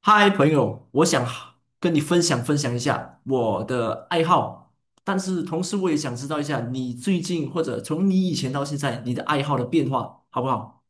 嗨，朋友，我想跟你分享一下我的爱好，但是同时我也想知道一下你最近或者从你以前到现在你的爱好的变化，好不好？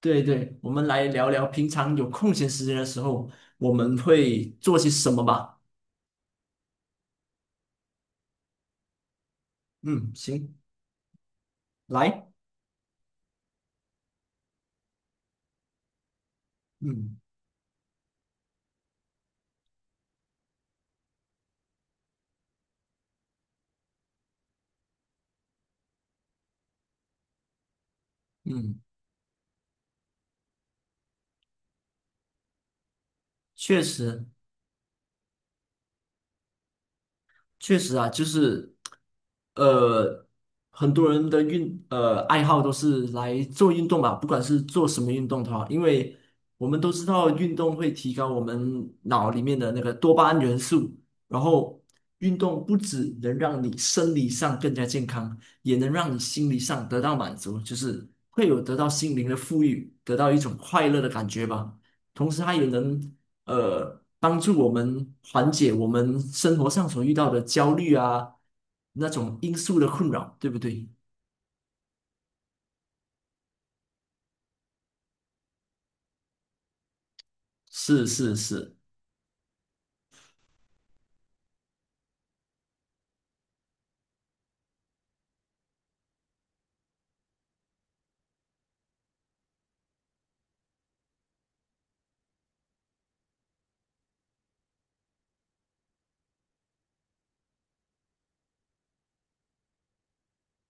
对对，我们来聊聊平常有空闲时间的时候我们会做些什么吧。嗯，行，来，嗯嗯，确实。确实啊，就是，呃，很多人的爱好都是来做运动吧，不管是做什么运动的话，因为我们都知道运动会提高我们脑里面的那个多巴胺元素，然后运动不只能让你生理上更加健康，也能让你心理上得到满足，就是会有得到心灵的富裕，得到一种快乐的感觉吧。同时，它也能帮助我们缓解我们生活上所遇到的焦虑啊，那种因素的困扰，对不对？是是是。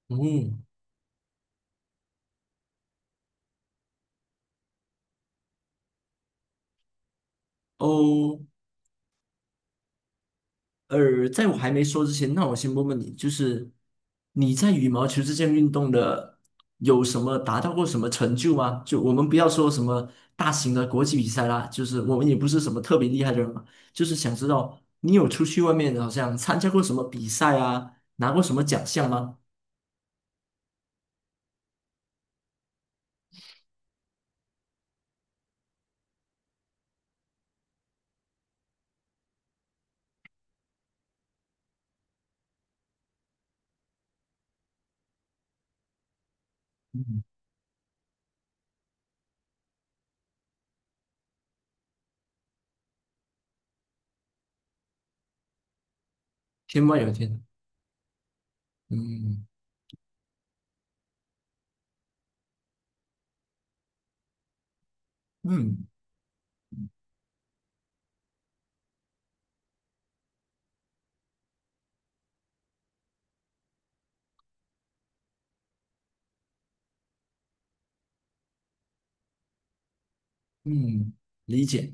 嗯，哦，在我还没说之前，那我先问问你，就是你在羽毛球这项运动的有什么达到过什么成就吗？就我们不要说什么大型的国际比赛啦，就是我们也不是什么特别厉害的人嘛，就是想知道你有出去外面好像参加过什么比赛啊，拿过什么奖项吗？天外有天，嗯嗯嗯，理解。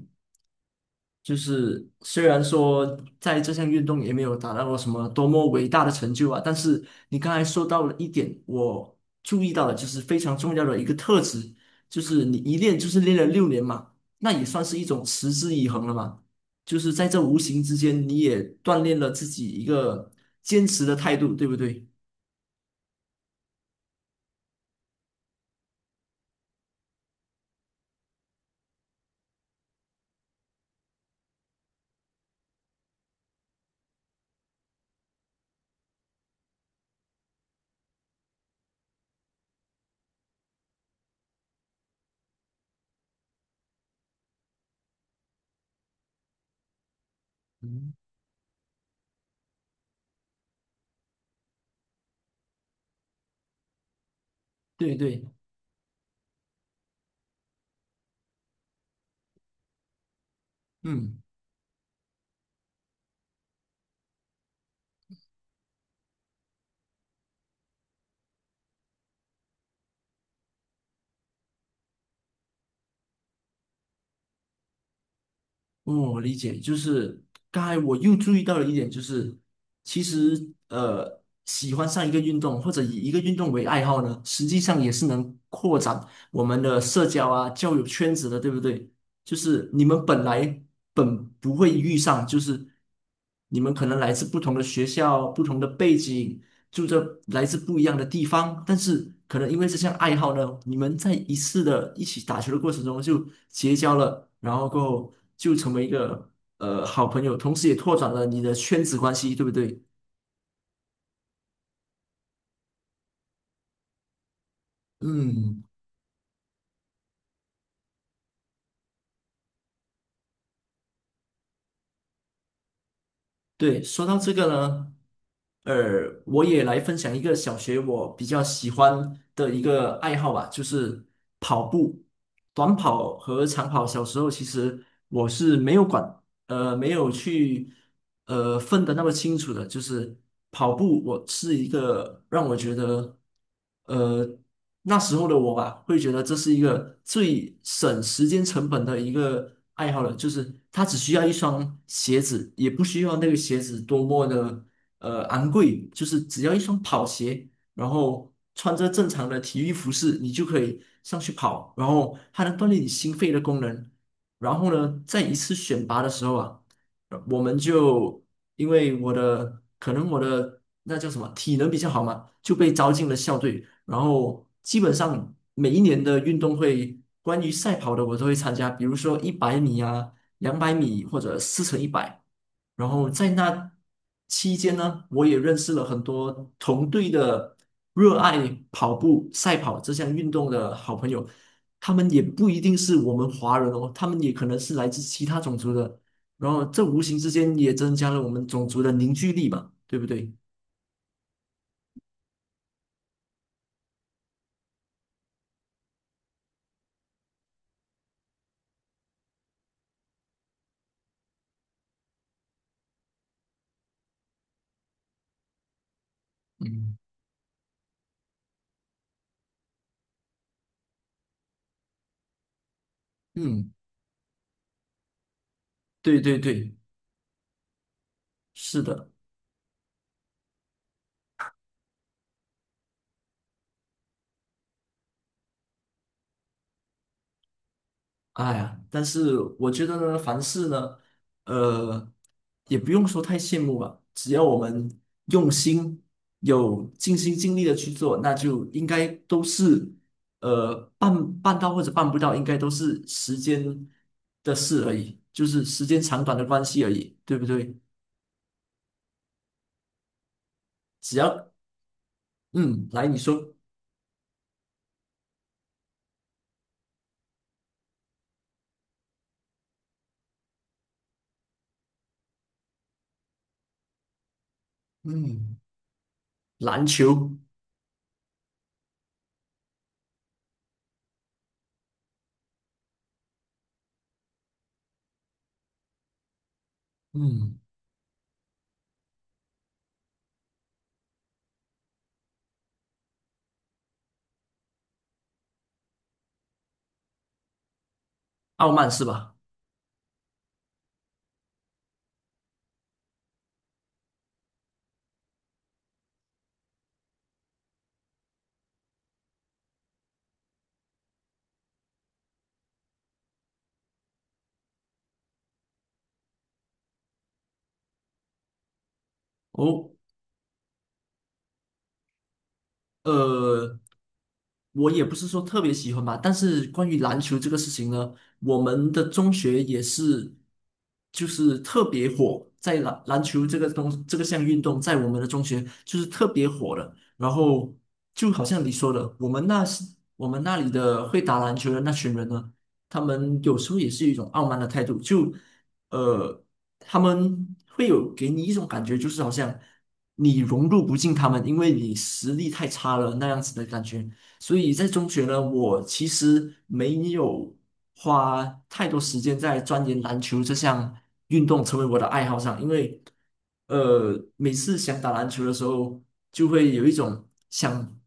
就是虽然说在这项运动也没有达到过什么多么伟大的成就啊，但是你刚才说到了一点，我注意到了，就是非常重要的一个特质，就是你一练就是练了6年嘛，那也算是一种持之以恒了嘛。就是在这无形之间，你也锻炼了自己一个坚持的态度，对不对？嗯，对对，嗯。哦，理解，就是刚才我又注意到了一点，就是其实喜欢上一个运动或者以一个运动为爱好呢，实际上也是能扩展我们的社交啊、交友圈子的，对不对？就是你们本不会遇上，就是你们可能来自不同的学校、不同的背景，住着来自不一样的地方，但是可能因为这项爱好呢，你们在一次的一起打球的过程中就结交了，然后过后就成为一个好朋友，同时也拓展了你的圈子关系，对不对？嗯，对，说到这个呢，呃，我也来分享一个小学我比较喜欢的一个爱好吧，就是跑步，短跑和长跑。小时候其实我是没有没有去分得那么清楚的，就是跑步，我是一个让我觉得呃那时候的我吧，会觉得这是一个最省时间成本的一个爱好了，就是它只需要一双鞋子，也不需要那个鞋子多么的昂贵，就是只要一双跑鞋。然后穿着正常的体育服饰，你就可以上去跑，然后它能锻炼你心肺的功能。然后呢，在一次选拔的时候啊，我们就因为我的那叫什么体能比较好嘛，就被招进了校队。然后基本上每一年的运动会，关于赛跑的我都会参加，比如说100米啊、200米或者4乘100。然后在那期间呢，我也认识了很多同队的热爱跑步、赛跑这项运动的好朋友。他们也不一定是我们华人哦，他们也可能是来自其他种族的。然后这无形之间也增加了我们种族的凝聚力吧，对不对？嗯，嗯，对对对，是的。哎呀，但是我觉得呢，凡事呢，呃，也不用说太羡慕吧，只要我们用心，有尽心尽力的去做，那就应该都是，办到或者办不到，应该都是时间的事而已，就是时间长短的关系而已，对不对？只要，嗯，来，你说。嗯，篮球。嗯，傲慢是吧？哦，呃。我也不是说特别喜欢吧，但是关于篮球这个事情呢，我们的中学也是，就是特别火，在篮球这个这个项运动，在我们的中学就是特别火的。然后就好像你说的，我们那里的会打篮球的那群人呢，他们有时候也是有一种傲慢的态度，就呃，他们会有给你一种感觉，就是好像你融入不进他们，因为你实力太差了那样子的感觉。所以在中学呢，我其实没有花太多时间在钻研篮球这项运动成为我的爱好上，因为每次想打篮球的时候，就会有一种想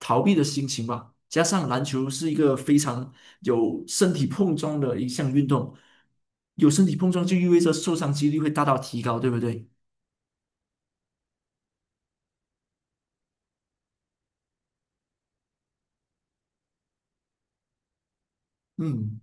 逃避的心情吧。加上篮球是一个非常有身体碰撞的一项运动，有身体碰撞就意味着受伤几率会大大提高，对不对？嗯。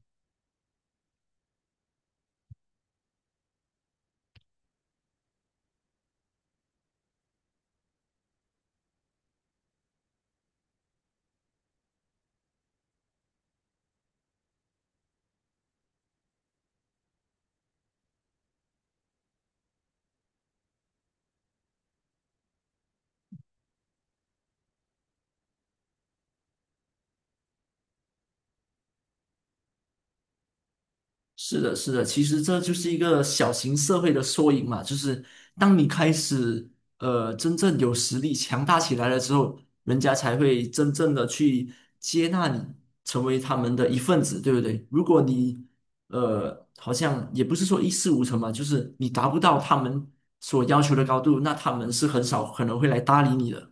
是的，是的，其实这就是一个小型社会的缩影嘛，就是当你开始真正有实力强大起来了之后，人家才会真正的去接纳你，成为他们的一份子，对不对？如果你好像也不是说一事无成嘛，就是你达不到他们所要求的高度，那他们是很少可能会来搭理你的。